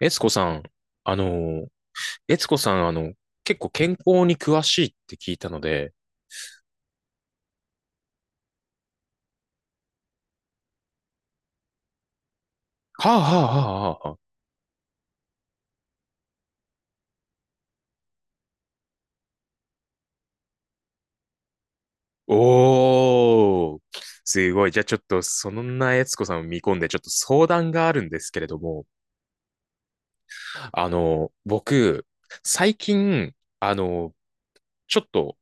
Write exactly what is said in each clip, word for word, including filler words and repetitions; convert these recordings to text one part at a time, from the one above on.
えつこさん、あの、えつこさん、あの、結構健康に詳しいって聞いたので、はあはあはあはあはあ。おー、すごい。じゃあちょっと、そんなえつこさんを見込んで、ちょっと相談があるんですけれども、あの、僕、最近、あの、ちょっと、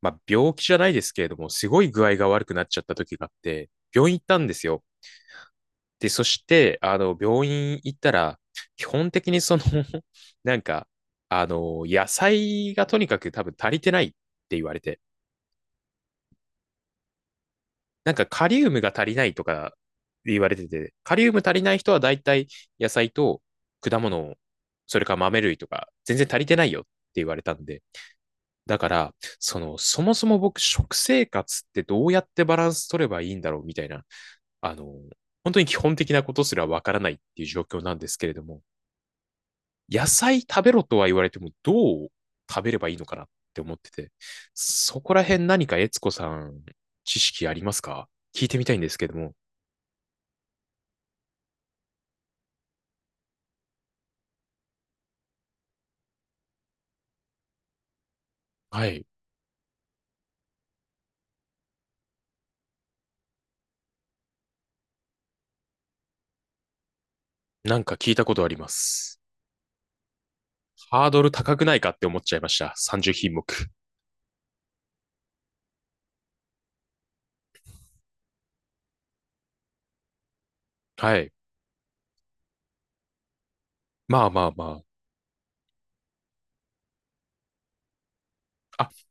まあ、病気じゃないですけれども、すごい具合が悪くなっちゃった時があって、病院行ったんですよ。で、そして、あの、病院行ったら、基本的にその なんか、あの、野菜がとにかく多分足りてないって言われて、なんかカリウムが足りないとか言われてて、カリウム足りない人は大体野菜と果物、それから豆類とか、全然足りてないよって言われたんで、だから、その、そもそも僕、食生活ってどうやってバランス取ればいいんだろうみたいな、あの、本当に基本的なことすらわからないっていう状況なんですけれども、野菜食べろとは言われても、どう食べればいいのかなって思ってて、そこら辺何か悦子さん、知識ありますか聞いてみたいんですけども。はい。なんか聞いたことあります。ハードル高くないかって思っちゃいました。さんじゅっぴんもく品目。はい。まあまあまあ。あ、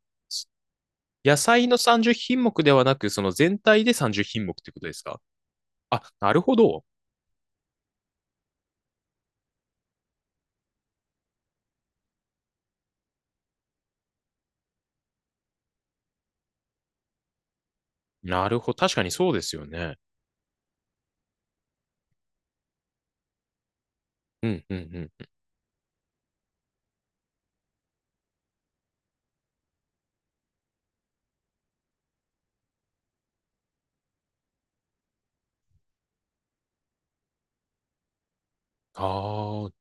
野菜のさんじゅっぴんもく品目ではなく、その全体でさんじゅう品目っひんもくってことですか。あ、なるほど。なるほど。確かにそうですよね。うん、うん、うん。ああ、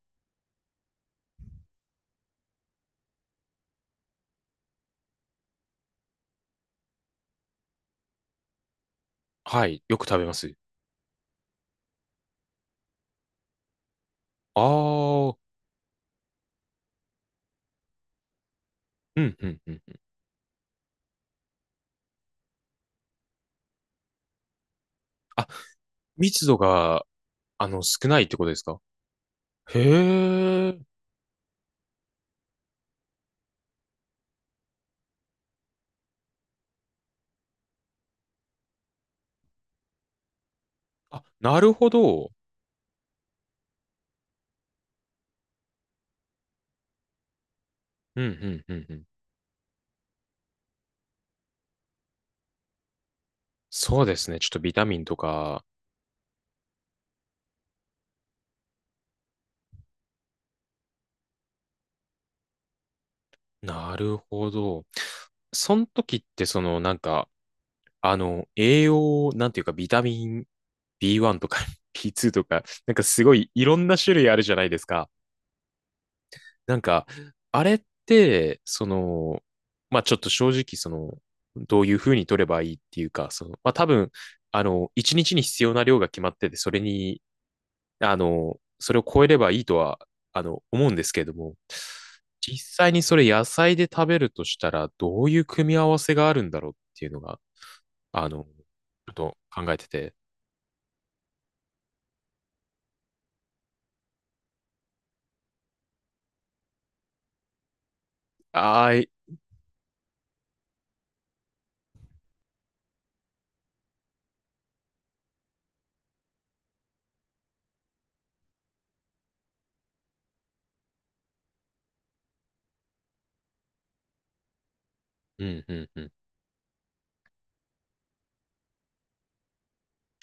はい。よく食べます。ああ、うんうんうん。あ、密度が、あの、少ないってことですか。へえ。あ、なるほど。うんうんうんうん。そうですね。ちょっとビタミンとか。なるほど。その時って、その、なんか、あの、栄養、なんていうか、ビタミン ビーワン とか ビーツー とか、なんかすごいいろんな種類あるじゃないですか。なんか、あれって、その、まあちょっと正直、その、どういうふうに取ればいいっていうか、その、まあ多分、あの、一日に必要な量が決まってて、それに、あの、それを超えればいいとは、あの、思うんですけれども、実際にそれ野菜で食べるとしたら、どういう組み合わせがあるんだろうっていうのが、あの、ちょっと考えてて、あーい、うんうんうん、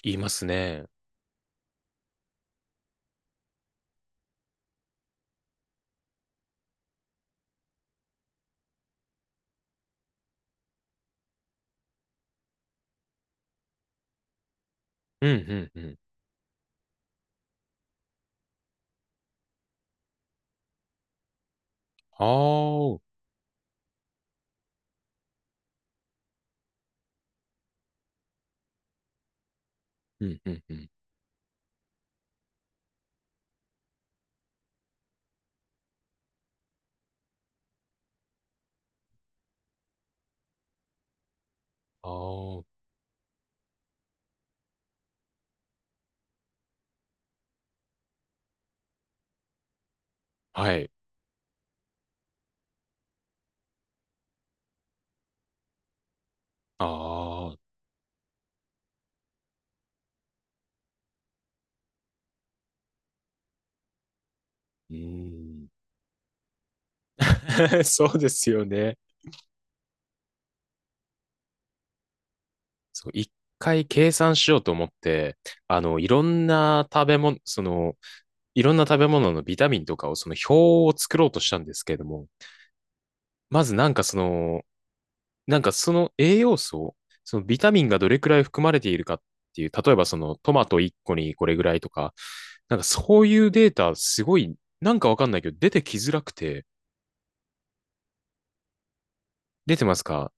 言いますね。うんうんうん。ああ、うんうんうん。ああ、はい。ああ、うーん。そうですよね。そう、一回計算しようと思って、あの、いろんな食べ物、その、いろんな食べ物のビタミンとかを、その表を作ろうとしたんですけれども、まずなんかその、なんかその栄養素、そのビタミンがどれくらい含まれているかっていう、例えばそのトマト一個にこれぐらいとか、なんかそういうデータ、すごい、なんかわかんないけど、出てきづらくて、出てますか。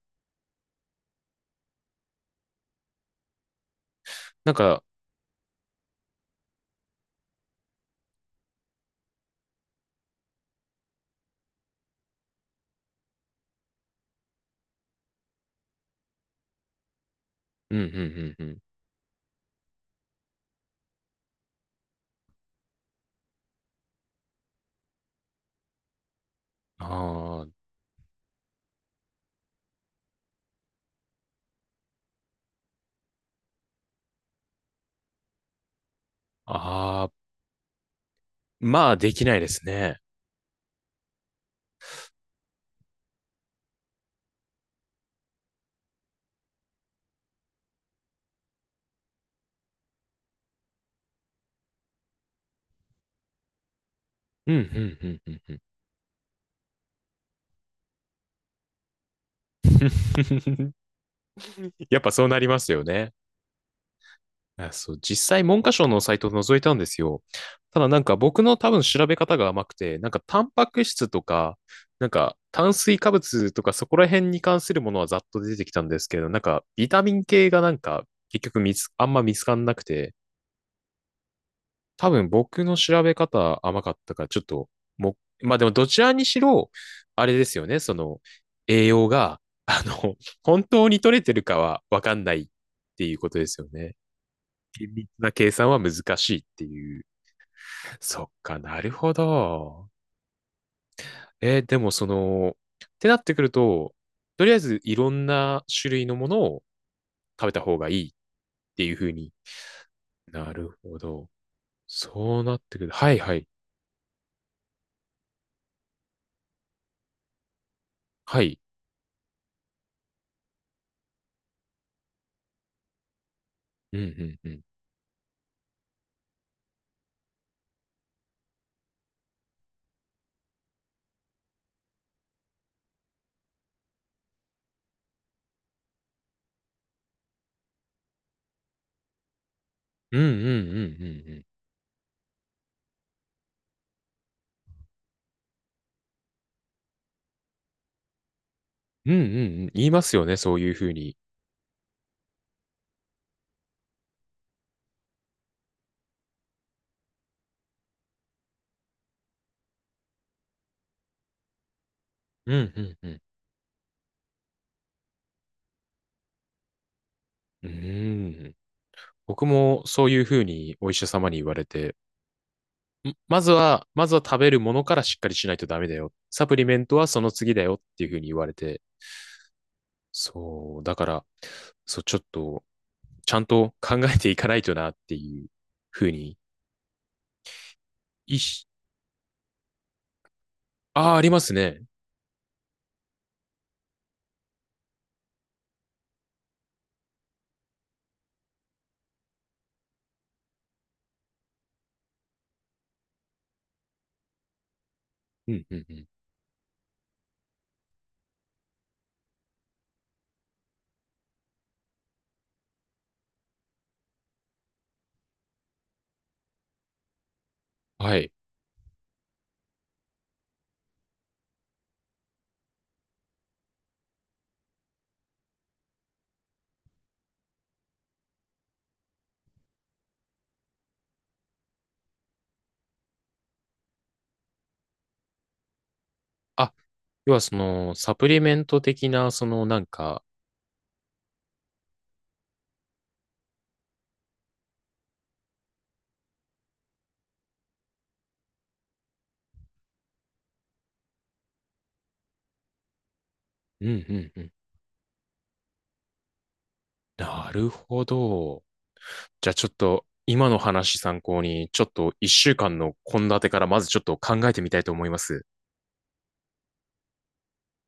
なんか、うん、うん、うん、うん。ああ、ああ、まあ、できないですね。うん、うん、うん、うんうん やっぱそうなりますよね。あそう、実際文科省のサイトを覗いたんですよ。ただなんか僕の多分調べ方が甘くて、なんかタンパク質とか、なんか炭水化物とかそこら辺に関するものはざっと出てきたんですけど、なんかビタミン系がなんか結局見つ、あんま見つかんなくて、多分僕の調べ方甘かったから、ちょっと、も、まあでもどちらにしろ、あれですよね、その、栄養が、あの、本当に取れてるかはわかんないっていうことですよね。厳密な計算は難しいっていう。そっかなるほど。えーでもその、ってなってくると、とりあえずいろんな種類のものを食べた方がいいっていうふうになるほど。そうなってくる。はいはい。はい。うんうんうん。うんうんうんうんうん。うんうんうん。言いますよね、そういうふうに。うんうんうん。うーん。僕もそういうふうにお医者様に言われて、んまずは、まずは食べるものからしっかりしないとダメだよ。サプリメントはその次だよっていうふうに言われて、そう、だから、そう、ちょっと、ちゃんと考えていかないとなっていうふうに、いし、ああ、ありますね。うんうんうん。はい。あ、要はその、サプリメント的な、そのなんか、うんうんうん。なるほど。じゃあちょっと今の話参考に、ちょっと一週間の献立からまずちょっと考えてみたいと思います。